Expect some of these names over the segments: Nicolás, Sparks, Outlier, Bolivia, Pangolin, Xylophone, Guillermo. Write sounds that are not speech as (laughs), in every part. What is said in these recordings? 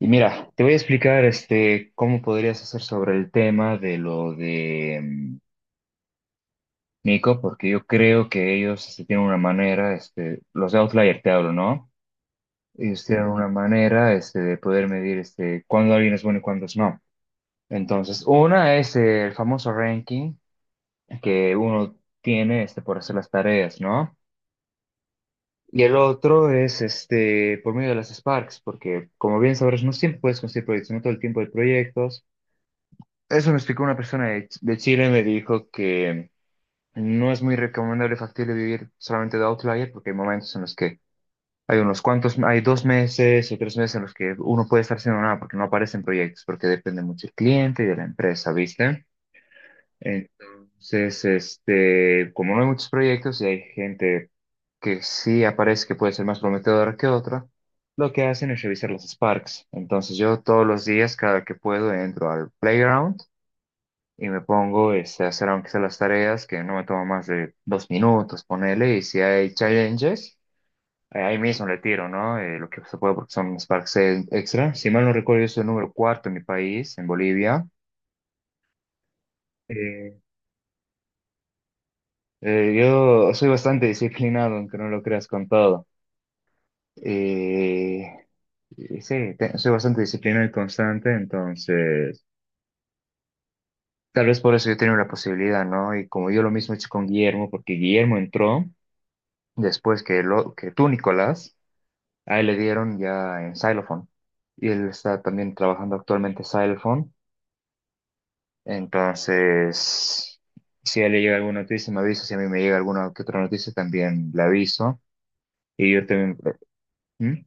Y mira, te voy a explicar cómo podrías hacer sobre el tema de lo de Nico, porque yo creo que ellos tienen una manera, los de Outlier te hablo, ¿no? Ellos tienen una manera de poder medir cuándo alguien es bueno y cuándo es no. Entonces, una es el famoso ranking que uno tiene por hacer las tareas, ¿no? Y el otro es por medio de las Sparks, porque como bien sabrás, no siempre puedes conseguir proyectos, no todo el tiempo hay proyectos. Eso me explicó una persona de, de Chile, me dijo que no es muy recomendable y factible vivir solamente de Outlier porque hay momentos en los que hay unos cuantos, hay 2 meses o 3 meses en los que uno puede estar haciendo nada porque no aparecen proyectos, porque depende mucho del cliente y de la empresa, ¿viste? Entonces, como no hay muchos proyectos y hay gente que sí aparece que puede ser más prometedora que otra, lo que hacen es revisar los Sparks. Entonces yo todos los días, cada que puedo, entro al playground y me pongo a hacer aunque sea las tareas, que no me toma más de 2 minutos, ponele, y si hay challenges, ahí mismo le tiro, ¿no? Lo que se puede porque son sparks extra. Si mal no recuerdo, yo soy el número cuarto en mi país, en Bolivia. Eh, yo soy bastante disciplinado, aunque no lo creas con todo. Eh, y sí, soy bastante disciplinado y constante, entonces... Tal vez por eso yo tenía la posibilidad, ¿no? Y como yo lo mismo he hecho con Guillermo, porque Guillermo entró después que, lo, que tú, Nicolás. Ahí le dieron ya en Xylophone. Y él está también trabajando actualmente Xylophone. Entonces, si a él le llega alguna noticia, me avisa. Si a mí me llega alguna que otra noticia, también le aviso. Y yo también... ¿Mm?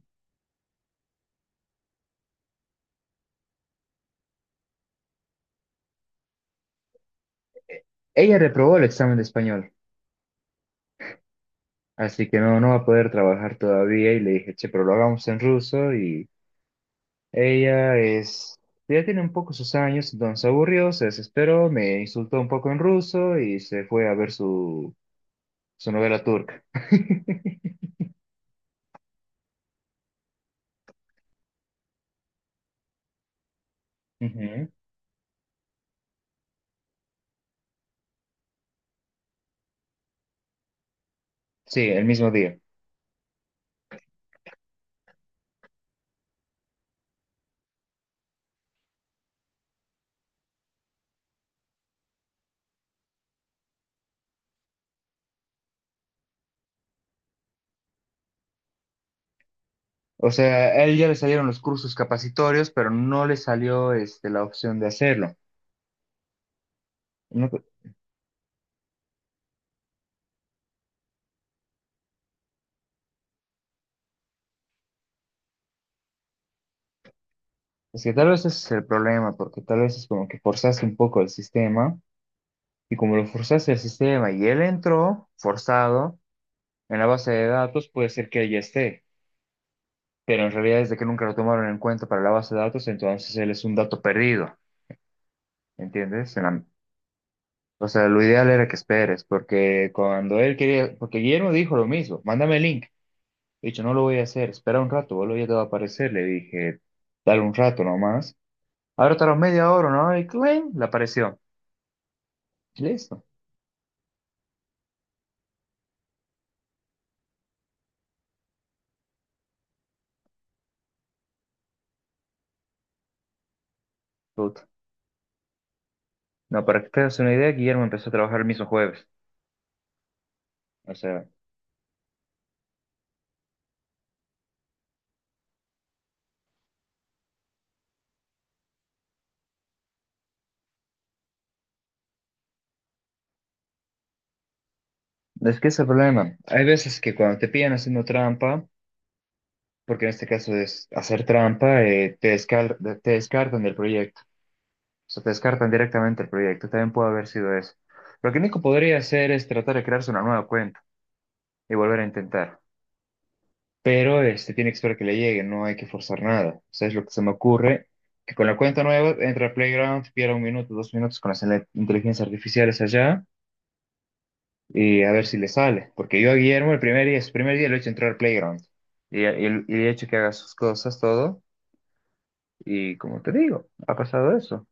Ella reprobó el examen de español, así que no, no va a poder trabajar todavía. Y le dije, che, pero lo hagamos en ruso. Y ella es... Ya tiene un poco sus años, entonces se aburrió, se desesperó, me insultó un poco en ruso y se fue a ver su, su novela turca. (laughs) Ujú. Sí, el mismo día. O sea, a él ya le salieron los cursos capacitorios, pero no le salió la opción de hacerlo. No te- es que tal vez ese es el problema, porque tal vez es como que forzaste un poco el sistema, y como lo forzaste el sistema y él entró forzado en la base de datos, puede ser que él ya esté, pero en realidad desde que nunca lo tomaron en cuenta para la base de datos, entonces él es un dato perdido, ¿entiendes? O sea, lo ideal era que esperes, porque cuando él quería, porque Guillermo dijo lo mismo, mándame el link. He dicho, no lo voy a hacer, espera un rato, boludo, ya te va a aparecer. Le dije, dale un rato nomás. Ahora tardó media hora, ¿no? Y claim, le apareció. Y listo, puta. No, para que te hagas una idea, Guillermo empezó a trabajar el mismo jueves. O sea, es que ese es el problema. Hay veces que cuando te pillan haciendo trampa, porque en este caso es hacer trampa, te descartan del proyecto. O sea, te descartan directamente del proyecto. También puede haber sido eso. Lo que Nico podría hacer es tratar de crearse una nueva cuenta y volver a intentar. Pero tiene que esperar que le llegue, no hay que forzar nada. O sea, es lo que se me ocurre, que con la cuenta nueva entra a Playground, pierda un minuto, 2 minutos con las inteligencias artificiales allá y a ver si le sale. Porque yo a Guillermo el primer día, su primer día lo he hecho entrar a Playground y y- he hecho que haga sus cosas, todo. Y como te digo, ha pasado eso.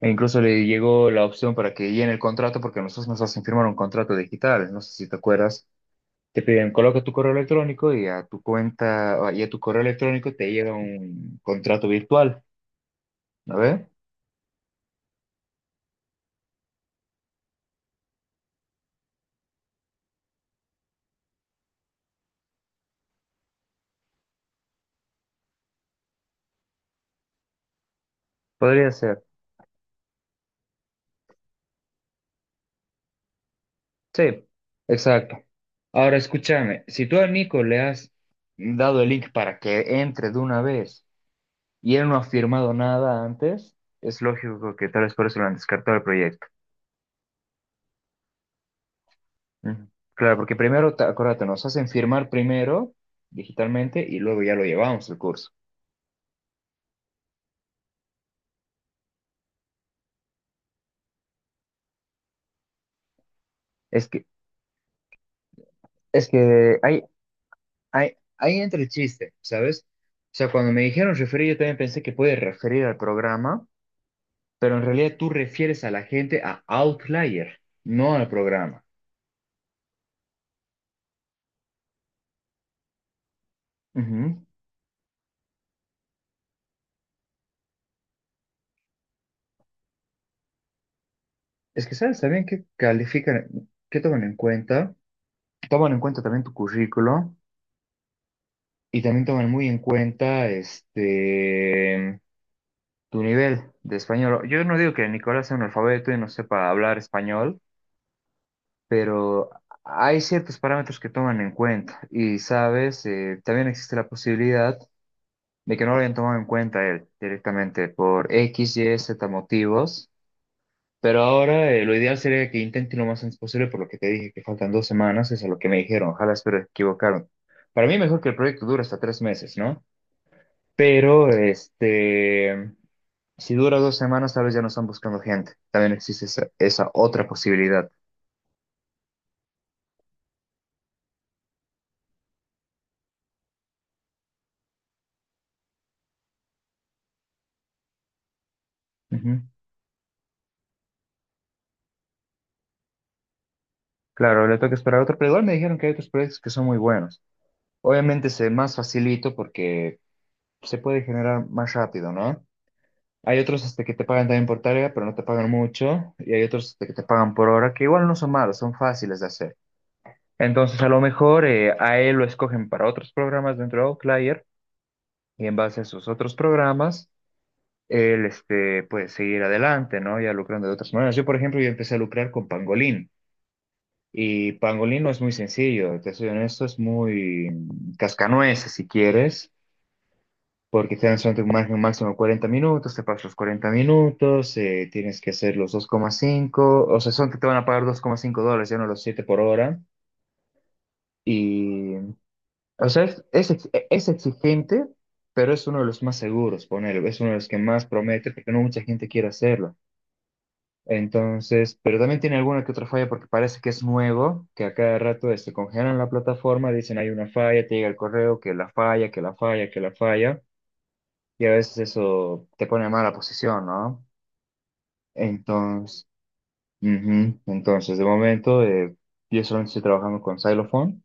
E incluso le llegó la opción para que llene el contrato porque nosotros nos hacen firmar un contrato digital. No sé si te acuerdas. Te piden, coloca tu correo electrónico y a tu cuenta, y a tu correo electrónico te llega un contrato virtual, ¿no ves? Podría ser. Sí, exacto. Ahora escúchame, si tú a Nico le has dado el link para que entre de una vez y él no ha firmado nada antes, es lógico que tal vez por eso lo han descartado el proyecto. Ujú. Claro, porque primero, acuérdate, nos hacen firmar primero digitalmente y luego ya lo llevamos el curso. Es que, es que hay, ahí, ahí entra el chiste, ¿sabes? O sea, cuando me dijeron referir, yo también pensé que puede referir al programa, pero en realidad tú refieres a la gente a Outlier, no al programa. Ujú. Es que, ¿sabes? También que califican, que toman en cuenta también tu currículo y también toman muy en cuenta tu nivel de español. Yo no digo que Nicolás sea un alfabeto y no sepa hablar español, pero hay ciertos parámetros que toman en cuenta y, sabes, también existe la posibilidad de que no lo hayan tomado en cuenta él directamente por X, Y, Z motivos, pero ahora lo ideal sería que intenten lo más antes posible por lo que te dije, que faltan 2 semanas, es a lo que me dijeron, ojalá espero que equivocaron. Para mí mejor que el proyecto dure hasta 3 meses, ¿no? Pero, si dura 2 semanas, tal vez ya no están buscando gente. También existe esa, esa otra posibilidad. Claro, le toca esperar otro, pero igual me dijeron que hay otros proyectos que son muy buenos. Obviamente se más facilito porque se puede generar más rápido, ¿no? Hay otros que te pagan también por tarea, pero no te pagan mucho, y hay otros que te pagan por hora, que igual no son malos, son fáciles de hacer. Entonces, a lo mejor a él lo escogen para otros programas dentro de Outlier, y en base a esos otros programas, él puede seguir adelante, ¿no? Ya lucrando de otras maneras. Yo, por ejemplo, yo empecé a lucrar con Pangolin. Y pangolino es muy sencillo, te soy honesto, es muy cascanueces si quieres, porque te dan solamente un máximo, máximo 40 minutos, te pagas los 40 minutos, tienes que hacer los dos coma cinco, o sea, son que te van a pagar $2,5, ya no los 7 por hora. Y, o sea, es es exigente, pero es uno de los más seguros, poner es uno de los que más promete, porque no mucha gente quiere hacerlo. Entonces, pero también tiene alguna que otra falla porque parece que es nuevo, que a cada rato congelan la plataforma, dicen hay una falla, te llega el correo, que la falla, que la falla, que la falla, y a veces eso te pone en mala posición, ¿no? Entonces, ujú. Entonces, de momento, yo solamente estoy trabajando con Xylophone,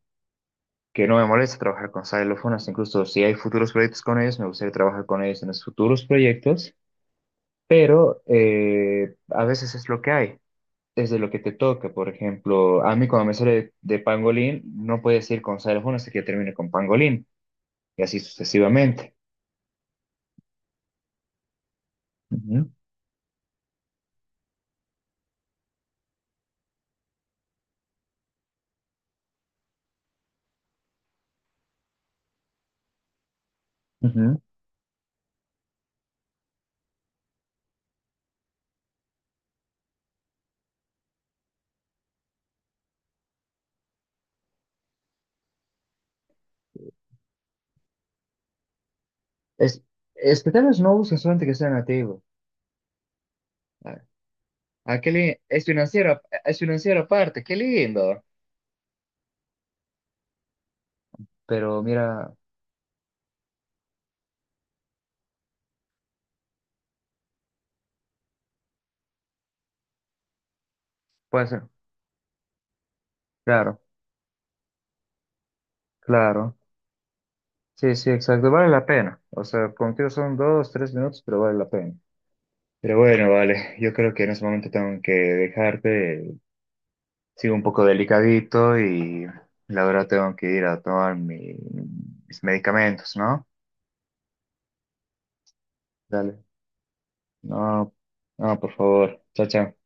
que no me molesta trabajar con Xylophone, hasta incluso si hay futuros proyectos con ellos, me gustaría trabajar con ellos en los futuros proyectos, pero a veces es lo que hay. Desde lo que te toca. Por ejemplo, a mí cuando me sale de pangolín, no puedes ir con xilófono hasta que yo termine con pangolín, y así sucesivamente. Ujú, ujú. Es, es que tal vez no busquen solamente que sea nativo. Ah, ah, es financiero, es financiero aparte, qué lindo. Pero mira, puede ser. Claro, claro. Sí, sí, exacto. Vale la pena. O sea, contigo son dos, tres minutos, pero vale la pena. Pero bueno, vale. Yo creo que en ese momento tengo que dejarte. Sigo un poco delicadito y la verdad tengo que ir a tomar mis medicamentos, ¿no? Dale. No, no, por favor. Chao, chao.